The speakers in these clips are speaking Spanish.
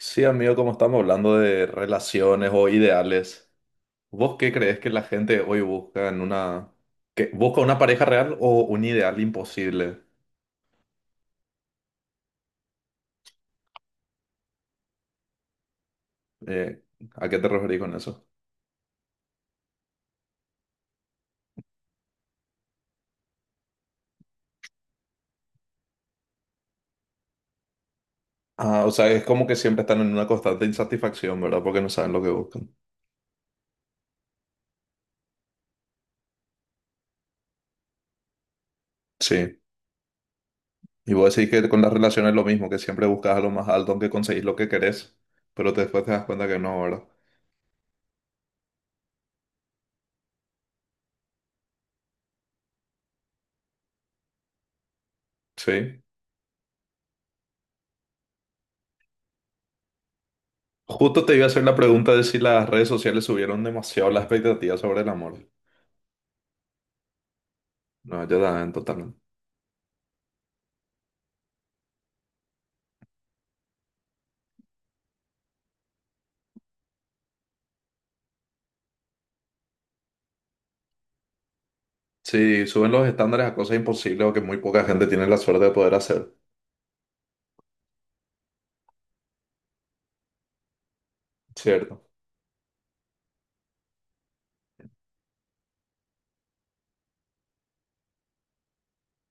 Sí, amigo, como estamos hablando de relaciones o ideales, ¿vos qué crees que la gente hoy busca en una... que busca una pareja real o un ideal imposible? Eh, ¿A qué te referís con eso? Ah, o sea, es como que siempre están en una constante insatisfacción, ¿verdad? Porque no saben lo que buscan. Sí. Y vos decís que con las relaciones es lo mismo, que siempre buscas a lo más alto, aunque conseguís lo que querés, pero después te das cuenta que no, ¿verdad? Sí. Justo te iba a hacer la pregunta de si las redes sociales subieron demasiado la expectativa sobre el amor. No, yo también, totalmente. Sí, suben los estándares a cosas imposibles o que muy poca gente tiene la suerte de poder hacer. Cierto.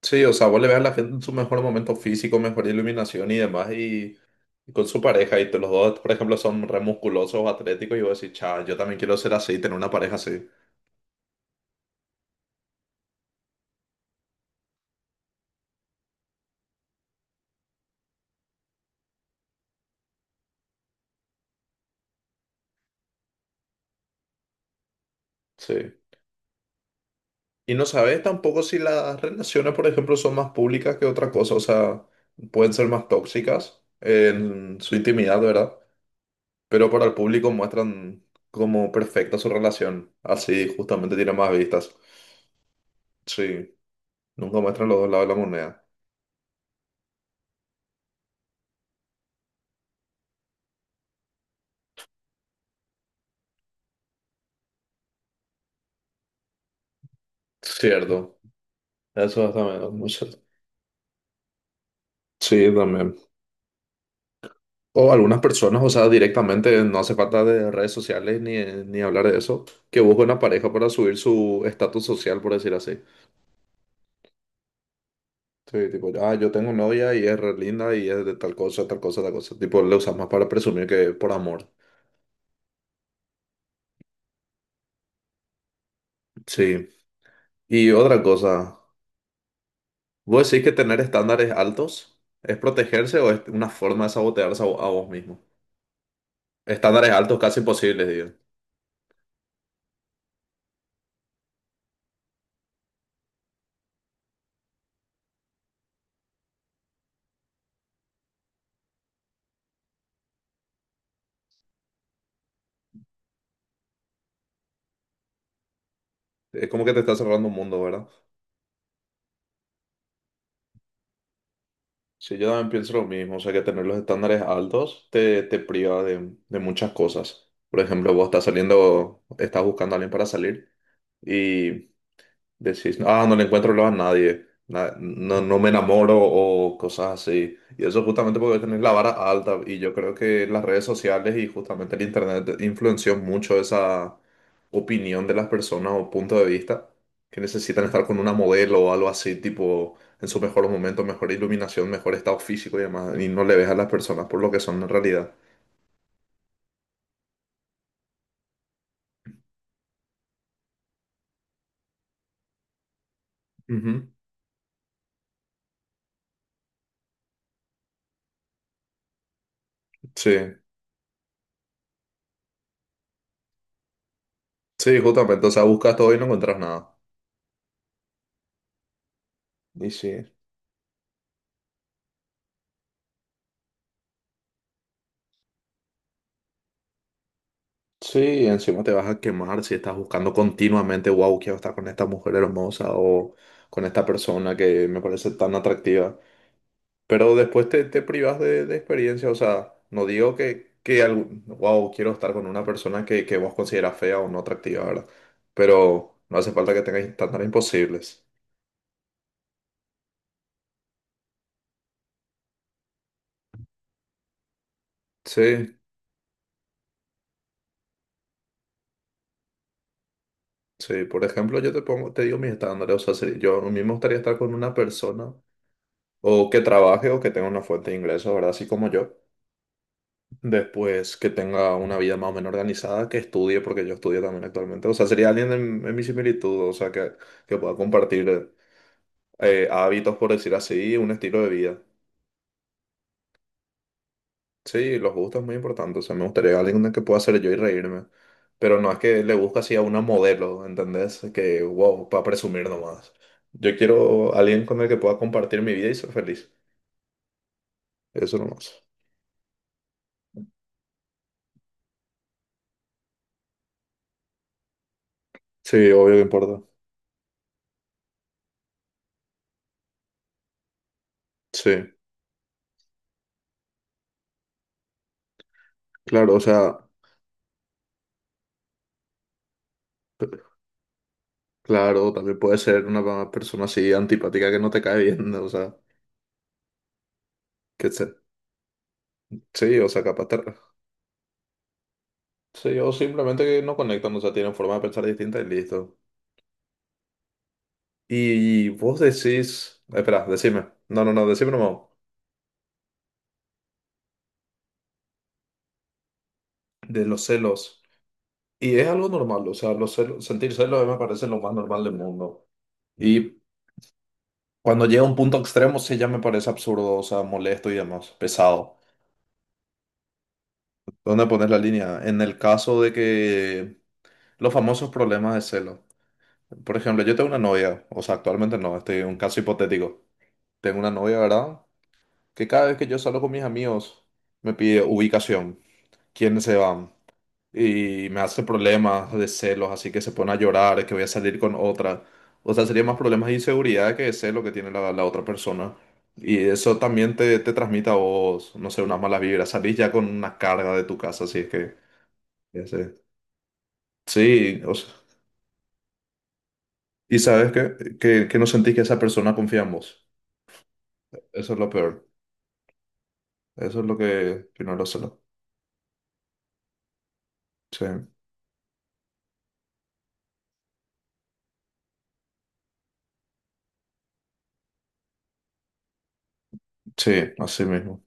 Sí, o sea, vos le ves a la gente en su mejor momento físico, mejor iluminación y demás, y con su pareja, y los dos, por ejemplo, son re musculosos, atléticos, y vos decís, cha, yo también quiero ser así, tener una pareja así. Sí. Y no sabes tampoco si las relaciones, por ejemplo, son más públicas que otra cosa, o sea, pueden ser más tóxicas en su intimidad, ¿verdad? Pero para el público muestran como perfecta su relación. Así justamente tiene más vistas. Sí, nunca muestran los dos lados de la moneda. Cierto, eso es también es muy cierto. Sí, también. O algunas personas, o sea, directamente no hace falta de redes sociales ni, ni hablar de eso, que buscan una pareja para subir su estatus social, por decir así. Sí, tipo, ah, yo tengo novia y es re linda y es de tal cosa, tal cosa, tal cosa. Tipo, le usas más para presumir que por amor. Sí. Y otra cosa. ¿Vos decís que tener estándares altos es protegerse o es una forma de sabotearse a, a vos mismo? Estándares altos casi imposibles, digo. Es como que te está cerrando un mundo, ¿verdad? Sí, yo también pienso lo mismo, o sea que tener los estándares altos te priva de muchas cosas. Por ejemplo, vos estás saliendo, estás buscando a alguien para salir. Y decís, ah, no le encuentro lo a nadie, no, no me enamoro o cosas así. Y eso justamente porque tenés la vara alta y yo creo que las redes sociales y justamente el internet influenció mucho esa opinión de las personas o punto de vista que necesitan estar con una modelo o algo así, tipo en sus mejores momentos mejor iluminación, mejor estado físico y demás, y no le ves a las personas por lo que son en realidad. Ujú. Sí, sí, justamente, o sea, buscas todo y no encuentras nada. Y sí. Sí, encima te vas a quemar si estás buscando continuamente, wow, quiero estar con esta mujer hermosa o con esta persona que me parece tan atractiva. Pero después te privas de experiencia, o sea, no digo que wow, quiero estar con una persona que vos consideras fea o no atractiva, ¿verdad? Pero no hace falta que tengas estándares imposibles. Sí, sí, por ejemplo, yo te pongo, te digo mis estándares, o sea, si yo a mí me gustaría estar con una persona o que trabaje o que tenga una fuente de ingresos, ¿verdad? Así como yo. Después que tenga una vida más o menos organizada, que estudie, porque yo estudio también actualmente. O sea, sería alguien en mi similitud, o sea, que pueda compartir hábitos, por decir así, un estilo de vida. Sí, los gustos es muy importante. O sea, me gustaría alguien que pueda ser yo y reírme. Pero no es que le busque así a una modelo, ¿entendés? Que, wow, para presumir nomás. Yo quiero alguien con el que pueda compartir mi vida y ser feliz. Eso nomás. Sí, obvio que importa. Sí, claro, o sea. Claro, también puede ser una persona así antipática que no te cae bien, ¿no? O sea, que se- sí, o sea, sí, o simplemente que no conectan, o sea, tienen forma de pensar distinta y listo. Y vos decís, espera, decime, no, no, no, decime nomás, de los celos. Y es algo normal, o sea, los celos, sentir celos a mí me parece lo más normal del mundo. Y cuando llega a un punto extremo, sí ya me parece absurdo, o sea, molesto y demás, pesado. ¿Dónde pones la línea? En el caso de que los famosos problemas de celos. Por ejemplo, yo tengo una novia, o sea, actualmente no, este es un caso hipotético. Tengo una novia, ¿verdad? Que cada vez que yo salgo con mis amigos me pide ubicación, quiénes se van, y me hace problemas de celos, así que se pone a llorar, que voy a salir con otra. O sea, sería más problemas de inseguridad que de celo que tiene la, la otra persona. Y eso también te transmite a vos, no sé, unas malas vibras. Salís ya con una carga de tu casa, así es que, ya sé. Sí, o sea, y sabes que no sentís que esa persona confía en vos. Eso es lo peor. Eso es lo que no lo sé. ¿No? Sí, sí, así mismo.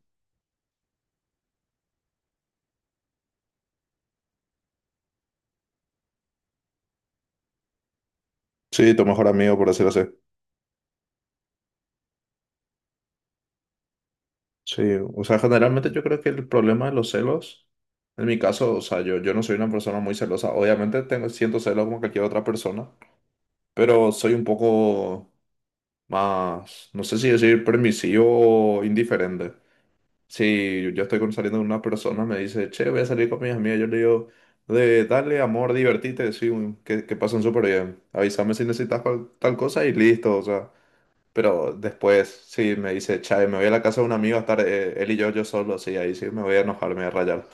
Sí, tu mejor amigo, por decirlo así. Sí, o sea, generalmente yo creo que el problema de los celos, en mi caso, o sea, yo no soy una persona muy celosa. Obviamente tengo, siento celos como cualquier otra persona, pero soy un poco más, no sé si decir permisivo o indiferente. Si yo estoy saliendo con una persona, me dice, che, voy a salir con mis amigas. Yo le digo, dale amor, divertite, sí, que pasen súper bien. Avísame si necesitas tal cosa y listo, o sea. Pero después, si me dice, che, me voy a la casa de un amigo a estar él y yo solo, sí, ahí sí me voy a enojar, me voy a rayar.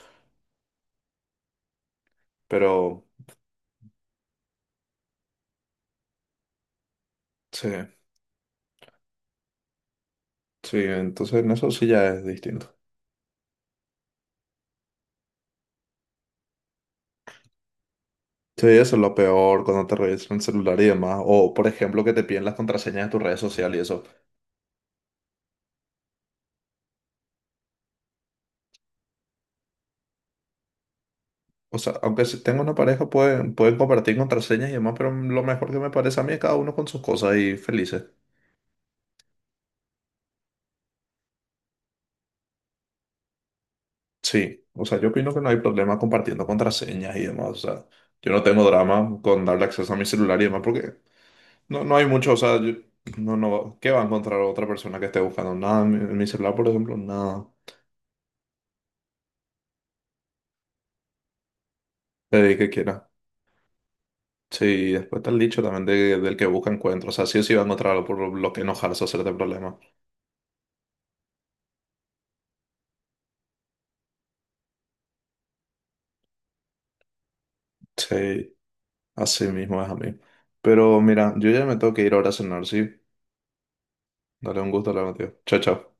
Pero sí, sí, entonces en eso sí ya es distinto. Sí, eso es lo peor cuando te revisan el celular y demás. O, por ejemplo, que te piden las contraseñas de tus redes sociales y eso. O sea, aunque si tengo una pareja, pueden, pueden compartir contraseñas y demás, pero lo mejor que me parece a mí es cada uno con sus cosas y felices. Sí, o sea, yo opino que no hay problema compartiendo contraseñas y demás. O sea, yo no tengo drama con darle acceso a mi celular y demás, porque no, no hay mucho, o sea, yo- no, no, ¿qué va a encontrar otra persona que esté buscando? Nada, en mi celular, por ejemplo, nada. Que quiera. Sí, y después está el dicho también del que busca encuentro. O sea, sí o sí va a encontrar algo por lo que enojarse o hacerte problema. Sí, así mismo es a mí. Pero mira, yo ya me tengo que ir ahora a cenar, sí. Dale un gusto hablar contigo. Chao, chao.